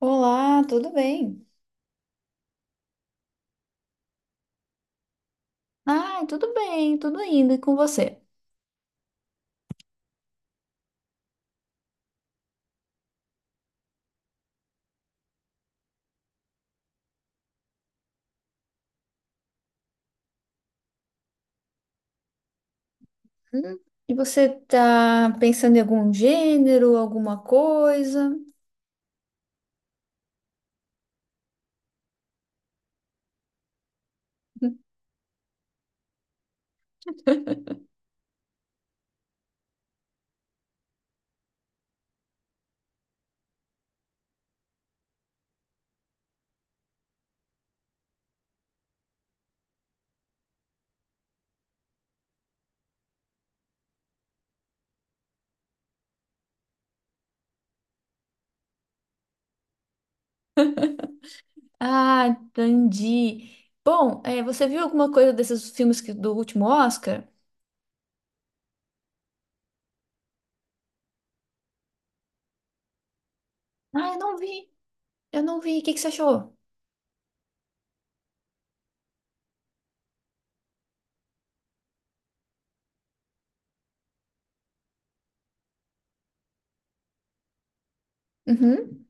Olá, tudo bem? Ai, tudo bem, tudo indo, e com você? Hum, E você tá pensando em algum gênero, alguma coisa? Ah, entendi. Bom, você viu alguma coisa desses filmes que- do último Oscar? Ah, eu não vi. O que que você achou? Uhum.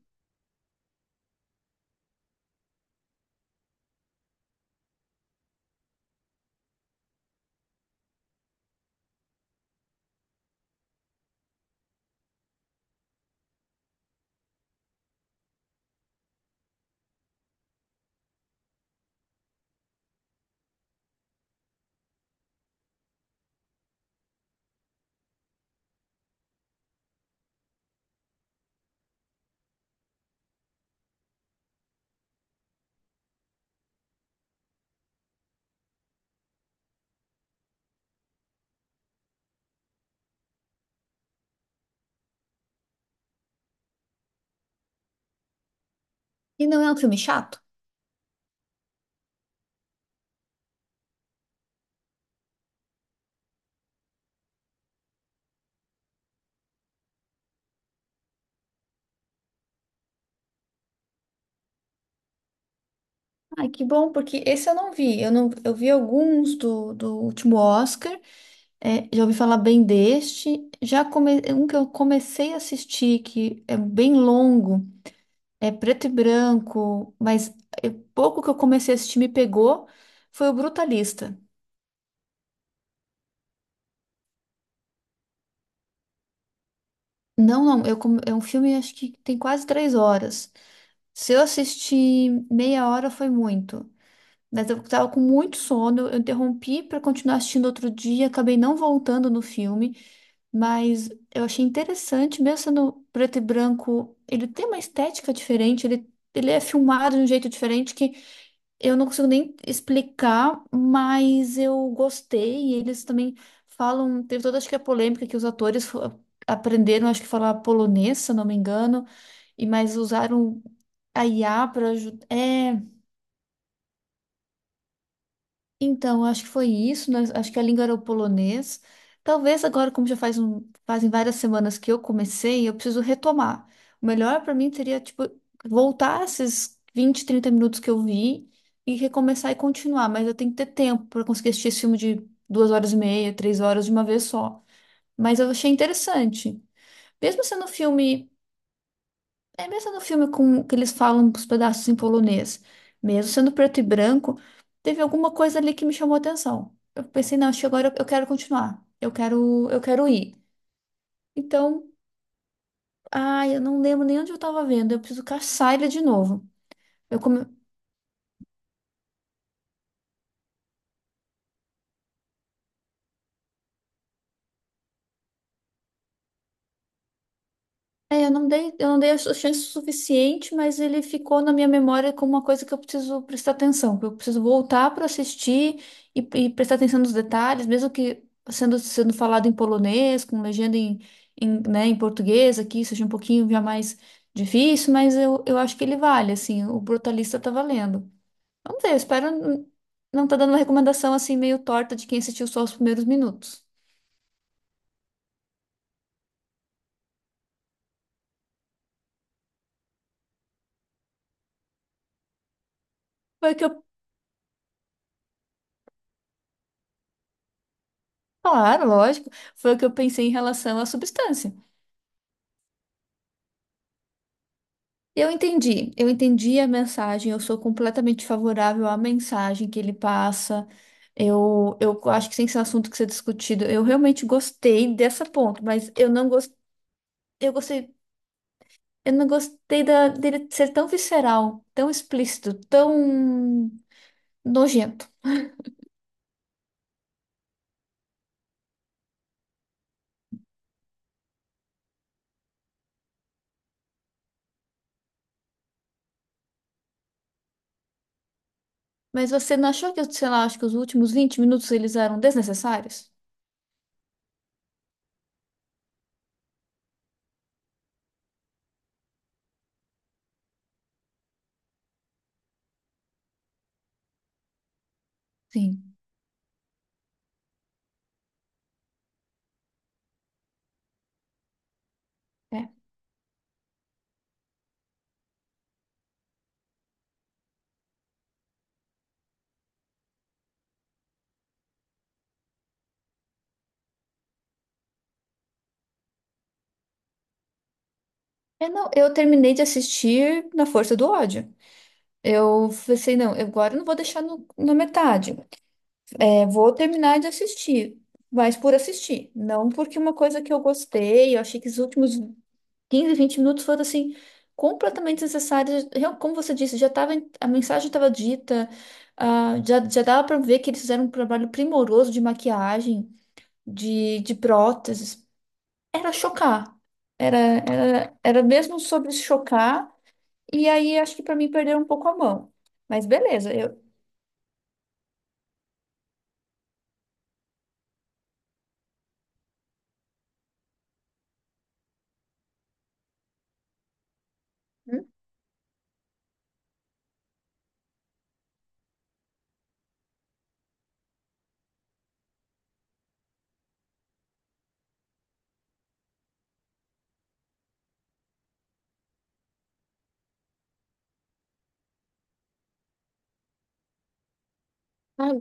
E não é um filme chato? Ai, que bom, porque esse eu não vi. Eu não, eu vi alguns do, do último Oscar. É, já ouvi falar bem deste. Um que eu comecei a assistir, que é bem longo, é preto e branco, mas é pouco que eu comecei a assistir me pegou, foi o Brutalista. Não, não, é um filme acho que tem quase 3 horas. Se eu assistir meia hora foi muito. Mas eu estava com muito sono, eu interrompi para continuar assistindo outro dia, acabei não voltando no filme, mas eu achei interessante, mesmo sendo preto e branco, ele tem uma estética diferente, ele é filmado de um jeito diferente que eu não consigo nem explicar, mas eu gostei. E eles também falam, teve toda acho que a polêmica que os atores aprenderam, acho que falar polonês, se eu não me engano, e mas usaram a IA para ajudar. Então, acho que foi isso, né? Acho que a língua era o polonês. Talvez agora, como já fazem várias semanas que eu comecei, eu preciso retomar. O melhor para mim seria, tipo, voltar esses 20, 30 minutos que eu vi e recomeçar e continuar, mas eu tenho que ter tempo para conseguir assistir esse filme de 2 horas e meia, 3 horas de uma vez só. Mas eu achei interessante. Mesmo sendo um filme. É mesmo no filme com que eles falam os pedaços em polonês, mesmo sendo preto e branco, teve alguma coisa ali que me chamou a atenção. Eu pensei, não, chegou agora eu quero continuar. Eu quero ir. Então, ai, eu não lembro nem onde eu tava vendo. Eu preciso caçar ele de novo. Eu come- É, eu não dei a chance suficiente, mas ele ficou na minha memória como uma coisa que eu preciso prestar atenção, que eu preciso voltar para assistir e prestar atenção nos detalhes, mesmo que sendo falado em polonês, com legenda né, em português aqui, seja um pouquinho já mais difícil, mas eu acho que ele vale, assim, o Brutalista tá valendo. Vamos ver, eu espero não tá dando uma recomendação assim meio torta de quem assistiu só os primeiros minutos. Foi o que eu, Claro, lógico, foi o que eu pensei em relação à substância. Eu entendi a mensagem, eu sou completamente favorável à mensagem que ele passa. Eu acho que tem que ser um assunto que ser discutido. Eu realmente gostei dessa ponto, mas eu não gostei, eu gostei, eu não gostei dele ser tão visceral, tão explícito, tão nojento. Mas você não achou que, sei lá, acho que os últimos 20 minutos eles eram desnecessários? Sim. É. Eu não, eu terminei de assistir na força do ódio. Eu pensei, não, agora eu não vou deixar no, na metade. É, vou terminar de assistir, mas por assistir, não porque uma coisa que eu gostei, eu achei que os últimos 15, 20 minutos foram assim completamente desnecessários. Real- Como você disse, já tava, em- a mensagem estava dita, ah, já, já dava para ver que eles fizeram um trabalho primoroso de maquiagem, de próteses. Era chocar. Era mesmo sobre chocar, e aí acho que para mim perderam um pouco a mão. Mas beleza, eu. Hum?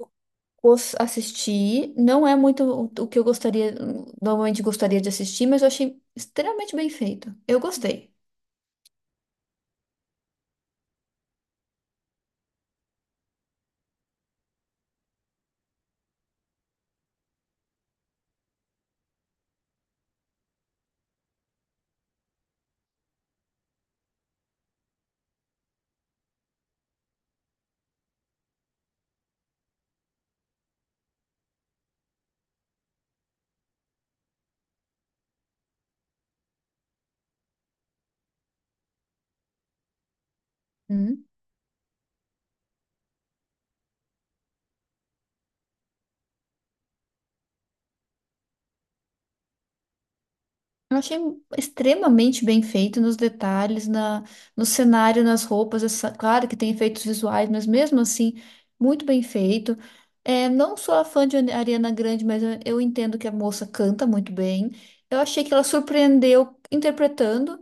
Assisti. Não é muito o que eu gostaria, normalmente gostaria de assistir, mas eu achei extremamente bem feito. Eu gostei. Hum. Eu achei extremamente bem feito nos detalhes, na, no cenário, nas roupas. Essa, claro que tem efeitos visuais, mas mesmo assim, muito bem feito. É, não sou a fã de Ariana Grande, mas eu entendo que a moça canta muito bem. Eu achei que ela surpreendeu interpretando.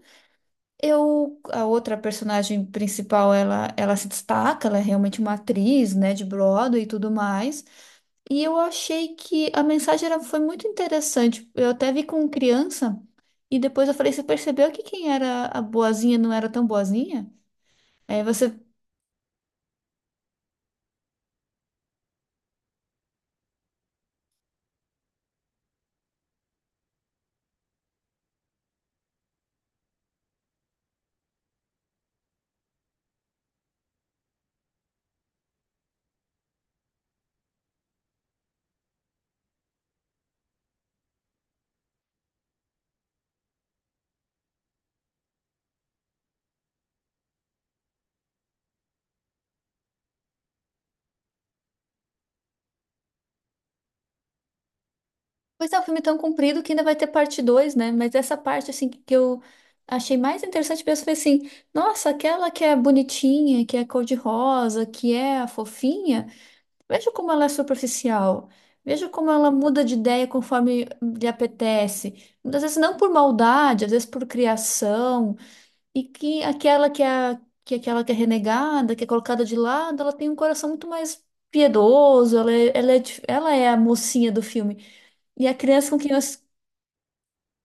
Eu, a outra personagem principal, ela se destaca, ela é realmente uma atriz, né, de Broadway e tudo mais. E eu achei que a mensagem era, foi muito interessante. Eu até vi com criança e depois eu falei, você percebeu que quem era a boazinha não era tão boazinha? Aí você, pois é, um filme é tão comprido que ainda vai ter parte dois, né? Mas essa parte, assim, que eu achei mais interessante mesmo foi assim, nossa, aquela que é bonitinha, que é cor-de-rosa, que é a fofinha. Veja como ela é superficial. Veja como ela muda de ideia conforme lhe apetece. Muitas vezes não por maldade, às vezes por criação. E que aquela que é aquela que é renegada, que é colocada de lado, ela tem um coração muito mais piedoso. Ela é a mocinha do filme. E a criança com quem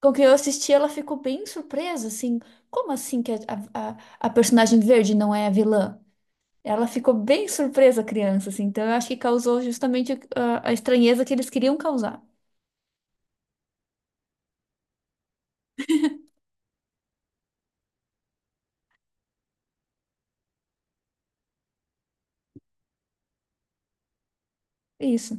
com quem eu assisti, ela ficou bem surpresa, assim. Como assim que a personagem verde não é a vilã? Ela ficou bem surpresa, a criança, assim. Então, eu acho que causou justamente a estranheza que eles queriam causar. É isso.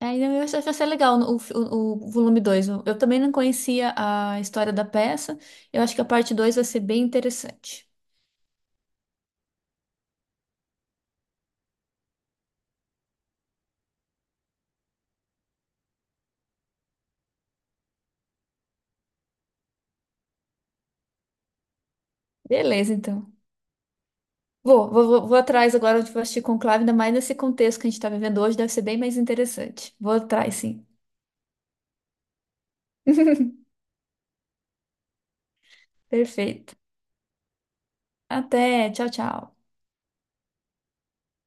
Aí eu acho que vai ser legal o volume dois. Eu também não conhecia a história da peça. Eu acho que a parte 2 vai ser bem interessante. Beleza, então. Vou atrás agora de assistir Conclave, ainda mais nesse contexto que a gente está vivendo hoje, deve ser bem mais interessante. Vou atrás, sim. Perfeito. Até, tchau, tchau.